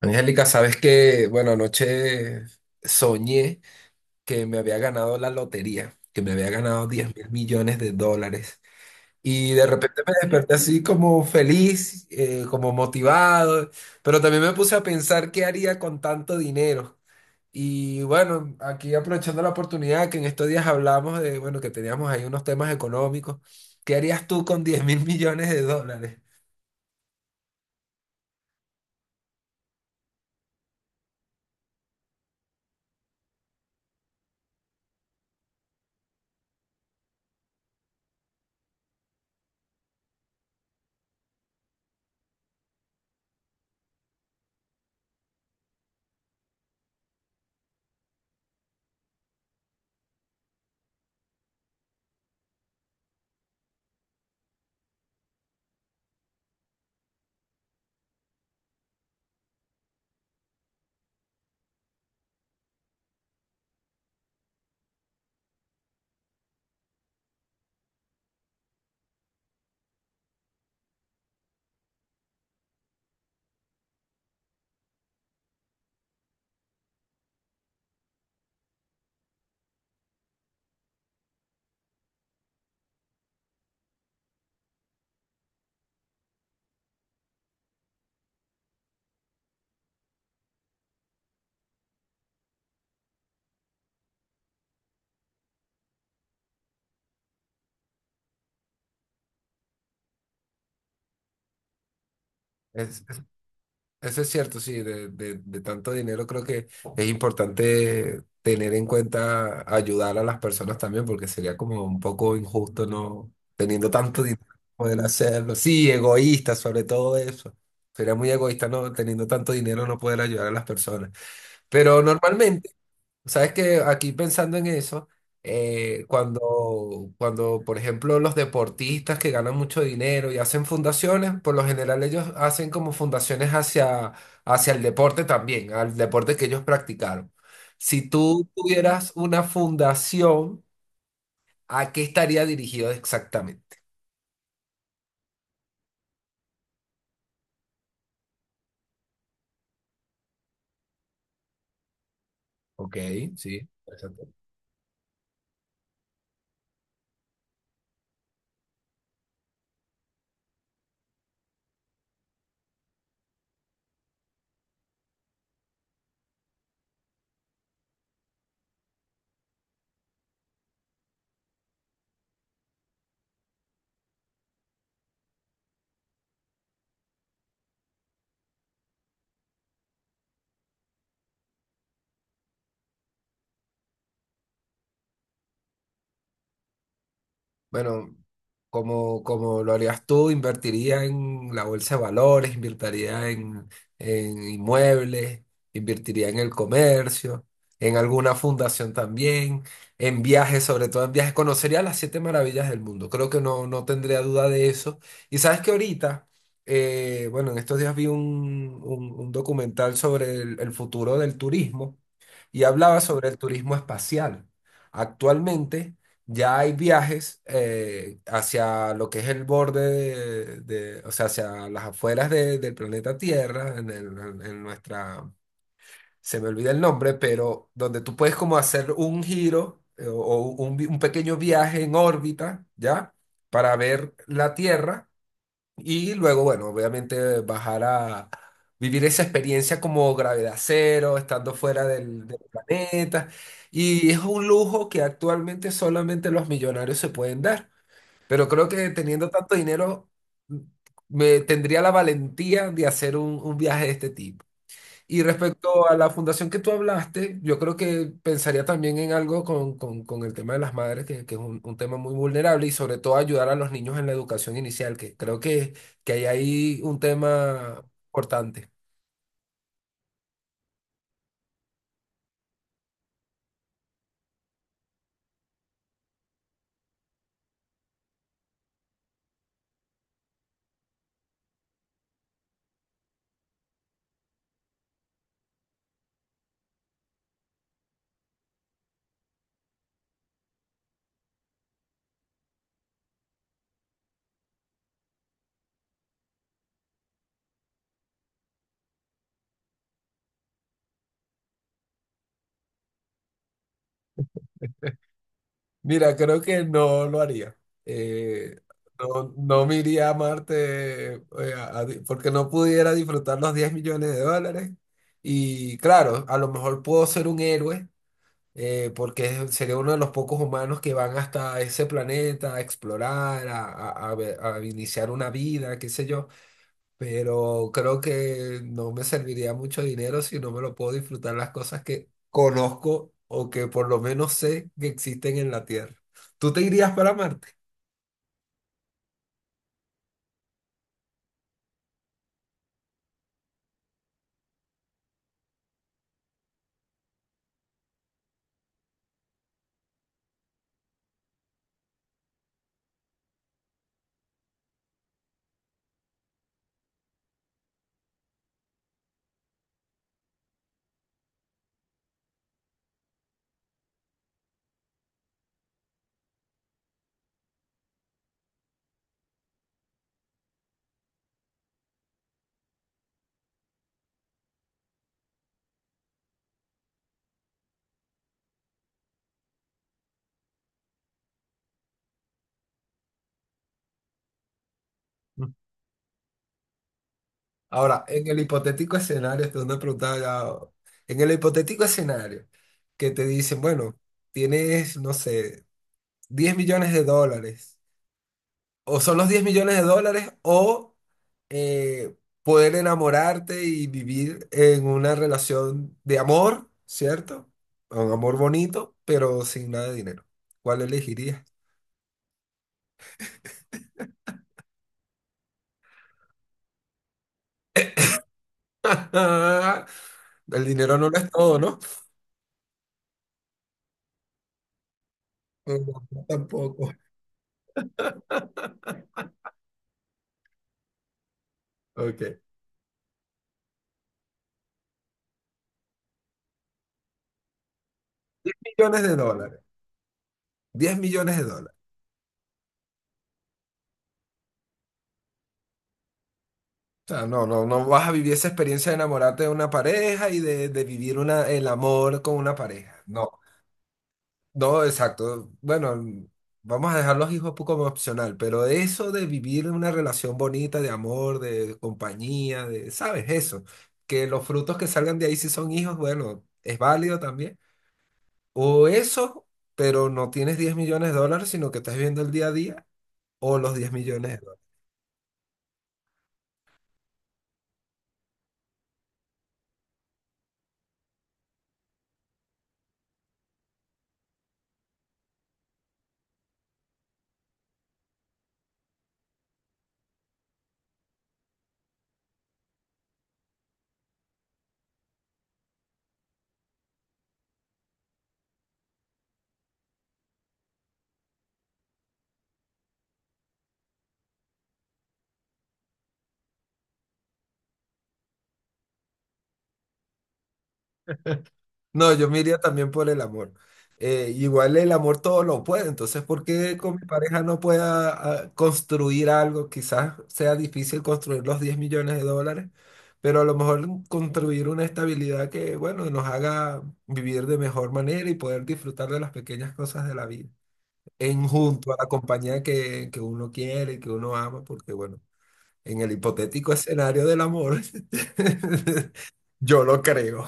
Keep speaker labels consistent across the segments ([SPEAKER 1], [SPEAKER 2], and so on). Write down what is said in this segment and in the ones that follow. [SPEAKER 1] Angélica, sabes que, bueno, anoche soñé que me había ganado la lotería, que me había ganado $10 mil millones. Y de repente me desperté así como feliz, como motivado, pero también me puse a pensar qué haría con tanto dinero. Y bueno, aquí aprovechando la oportunidad que en estos días hablamos de, bueno, que teníamos ahí unos temas económicos, ¿qué harías tú con $10 mil millones? Eso es cierto, sí, de tanto dinero creo que es importante tener en cuenta ayudar a las personas también, porque sería como un poco injusto no teniendo tanto dinero poder hacerlo. Sí, egoísta sobre todo eso. Sería muy egoísta no teniendo tanto dinero no poder ayudar a las personas. Pero normalmente. Sabes que aquí pensando en eso, cuando, por ejemplo, los deportistas que ganan mucho dinero y hacen fundaciones, por lo general ellos hacen como fundaciones hacia, hacia el deporte también, al deporte que ellos practicaron. Si tú tuvieras una fundación, ¿a qué estaría dirigido exactamente? Ok, sí. Bueno, como lo harías tú, invertiría en la bolsa de valores, invertiría en inmuebles, invertiría en el comercio, en alguna fundación también, en viajes, sobre todo en viajes. Conocería las siete maravillas del mundo. Creo que no tendría duda de eso. Y sabes que ahorita, bueno, en estos días vi un documental sobre el futuro del turismo y hablaba sobre el turismo espacial. Actualmente. Ya hay viajes hacia lo que es el borde o sea, hacia las afueras del planeta Tierra, en nuestra, se me olvida el nombre, pero donde tú puedes como hacer un giro o, un pequeño viaje en órbita, ¿ya? Para ver la Tierra y luego, bueno, obviamente bajar a vivir esa experiencia como gravedad cero, estando fuera del planeta. Y es un lujo que actualmente solamente los millonarios se pueden dar. Pero creo que teniendo tanto dinero, mm, me tendría la valentía de hacer un viaje de este tipo. Y respecto a la fundación que tú hablaste, yo creo que pensaría también en algo con el tema de las madres, que es un tema muy vulnerable, y sobre todo ayudar a los niños en la educación inicial, que creo que hay ahí un tema importante. Mira, creo que no lo haría. Eh, no, no me iría a Marte porque no pudiera disfrutar los $10 millones. Y claro, a lo mejor puedo ser un héroe porque sería uno de los pocos humanos que van hasta ese planeta a explorar, a iniciar una vida, qué sé yo, pero creo que no me serviría mucho dinero si no me lo puedo disfrutar las cosas que conozco o que por lo menos sé que existen en la Tierra. ¿Tú te irías para Marte? Mm. Ahora, en el hipotético escenario, esto es una pregunta ya- en el hipotético escenario que te dicen, bueno, tienes, no sé, $10 millones. O son los $10 millones o eh, poder enamorarte y vivir en una relación de amor, ¿cierto? Un amor bonito, pero sin nada de dinero. ¿Cuál elegirías? El dinero no lo es todo, ¿no? No, tampoco. Ok. Millones de dólares. $10 millones. O sea, no, no, no vas a vivir esa experiencia de enamorarte de una pareja y de vivir el amor con una pareja. No. No, exacto. Bueno, vamos a dejar los hijos poco como opcional, pero eso de vivir una relación bonita, de amor, de compañía, de, ¿sabes? Eso. Que los frutos que salgan de ahí si son hijos, bueno, es válido también. O eso, pero no tienes $10 millones, sino que estás viviendo el día a día, o los $10 millones. No, yo me iría también por el amor. Igual el amor todo lo puede, entonces ¿por qué con mi pareja no pueda construir algo? Quizás sea difícil construir los $10 millones, pero a lo mejor construir una estabilidad que, bueno, nos haga vivir de mejor manera y poder disfrutar de las pequeñas cosas de la vida, en junto a la compañía que uno quiere y que uno ama, porque, bueno, en el hipotético escenario del amor, yo lo creo.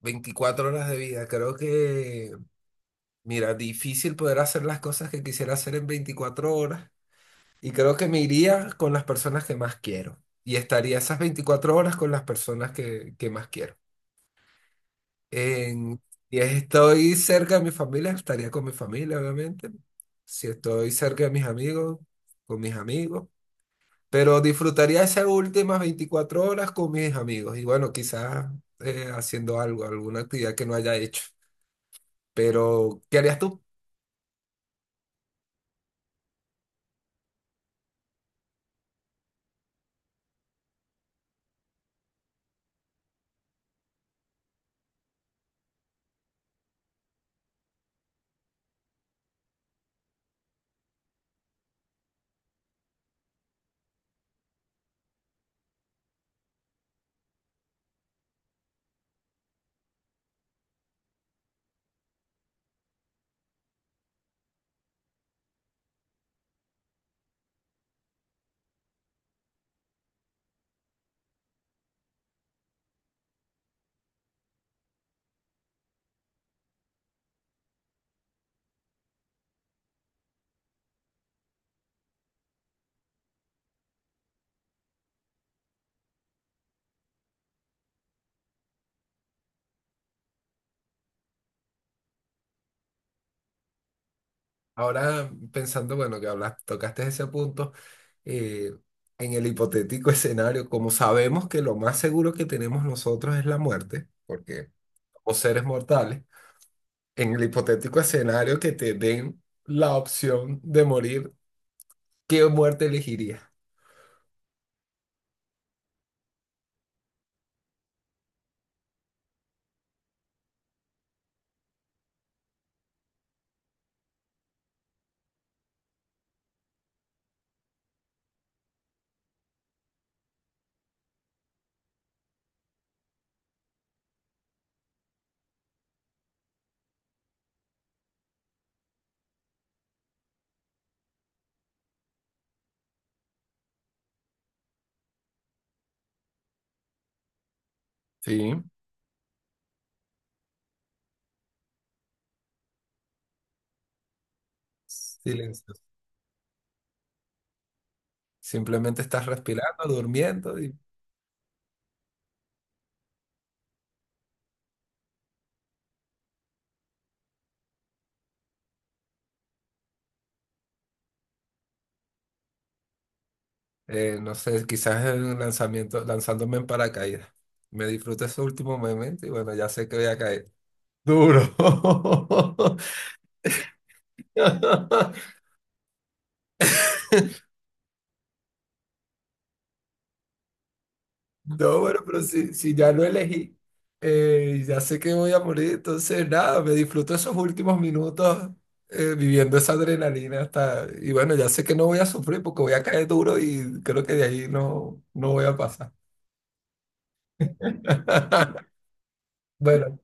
[SPEAKER 1] 24 horas de vida. Creo que, mira, difícil poder hacer las cosas que quisiera hacer en 24 horas. Y creo que me iría con las personas que más quiero. Y estaría esas 24 horas con las personas que más quiero. En, si estoy cerca de mi familia, estaría con mi familia, obviamente. Si estoy cerca de mis amigos, con mis amigos. Pero disfrutaría esas últimas 24 horas con mis amigos. Y bueno, quizás haciendo algo, alguna actividad que no haya hecho. Pero, ¿qué harías tú? Ahora pensando, bueno, que hablas, tocaste ese punto, eh, en el hipotético escenario, como sabemos que lo más seguro que tenemos nosotros es la muerte, porque somos seres mortales, en el hipotético escenario que te den la opción de morir, ¿qué muerte elegirías? Sí. Silencio. Simplemente estás respirando, durmiendo y, no sé, quizás en un lanzamiento, lanzándome en paracaídas. Me disfruto ese último momento y bueno, ya sé que voy a caer. Duro. No, bueno, pero si, si ya lo elegí, ya sé que voy a morir, entonces nada, me disfruto esos últimos minutos viviendo esa adrenalina hasta. Y bueno, ya sé que no voy a sufrir porque voy a caer duro y creo que de ahí no, no voy a pasar. Bueno,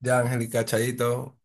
[SPEAKER 1] ya, Angélica, chaito.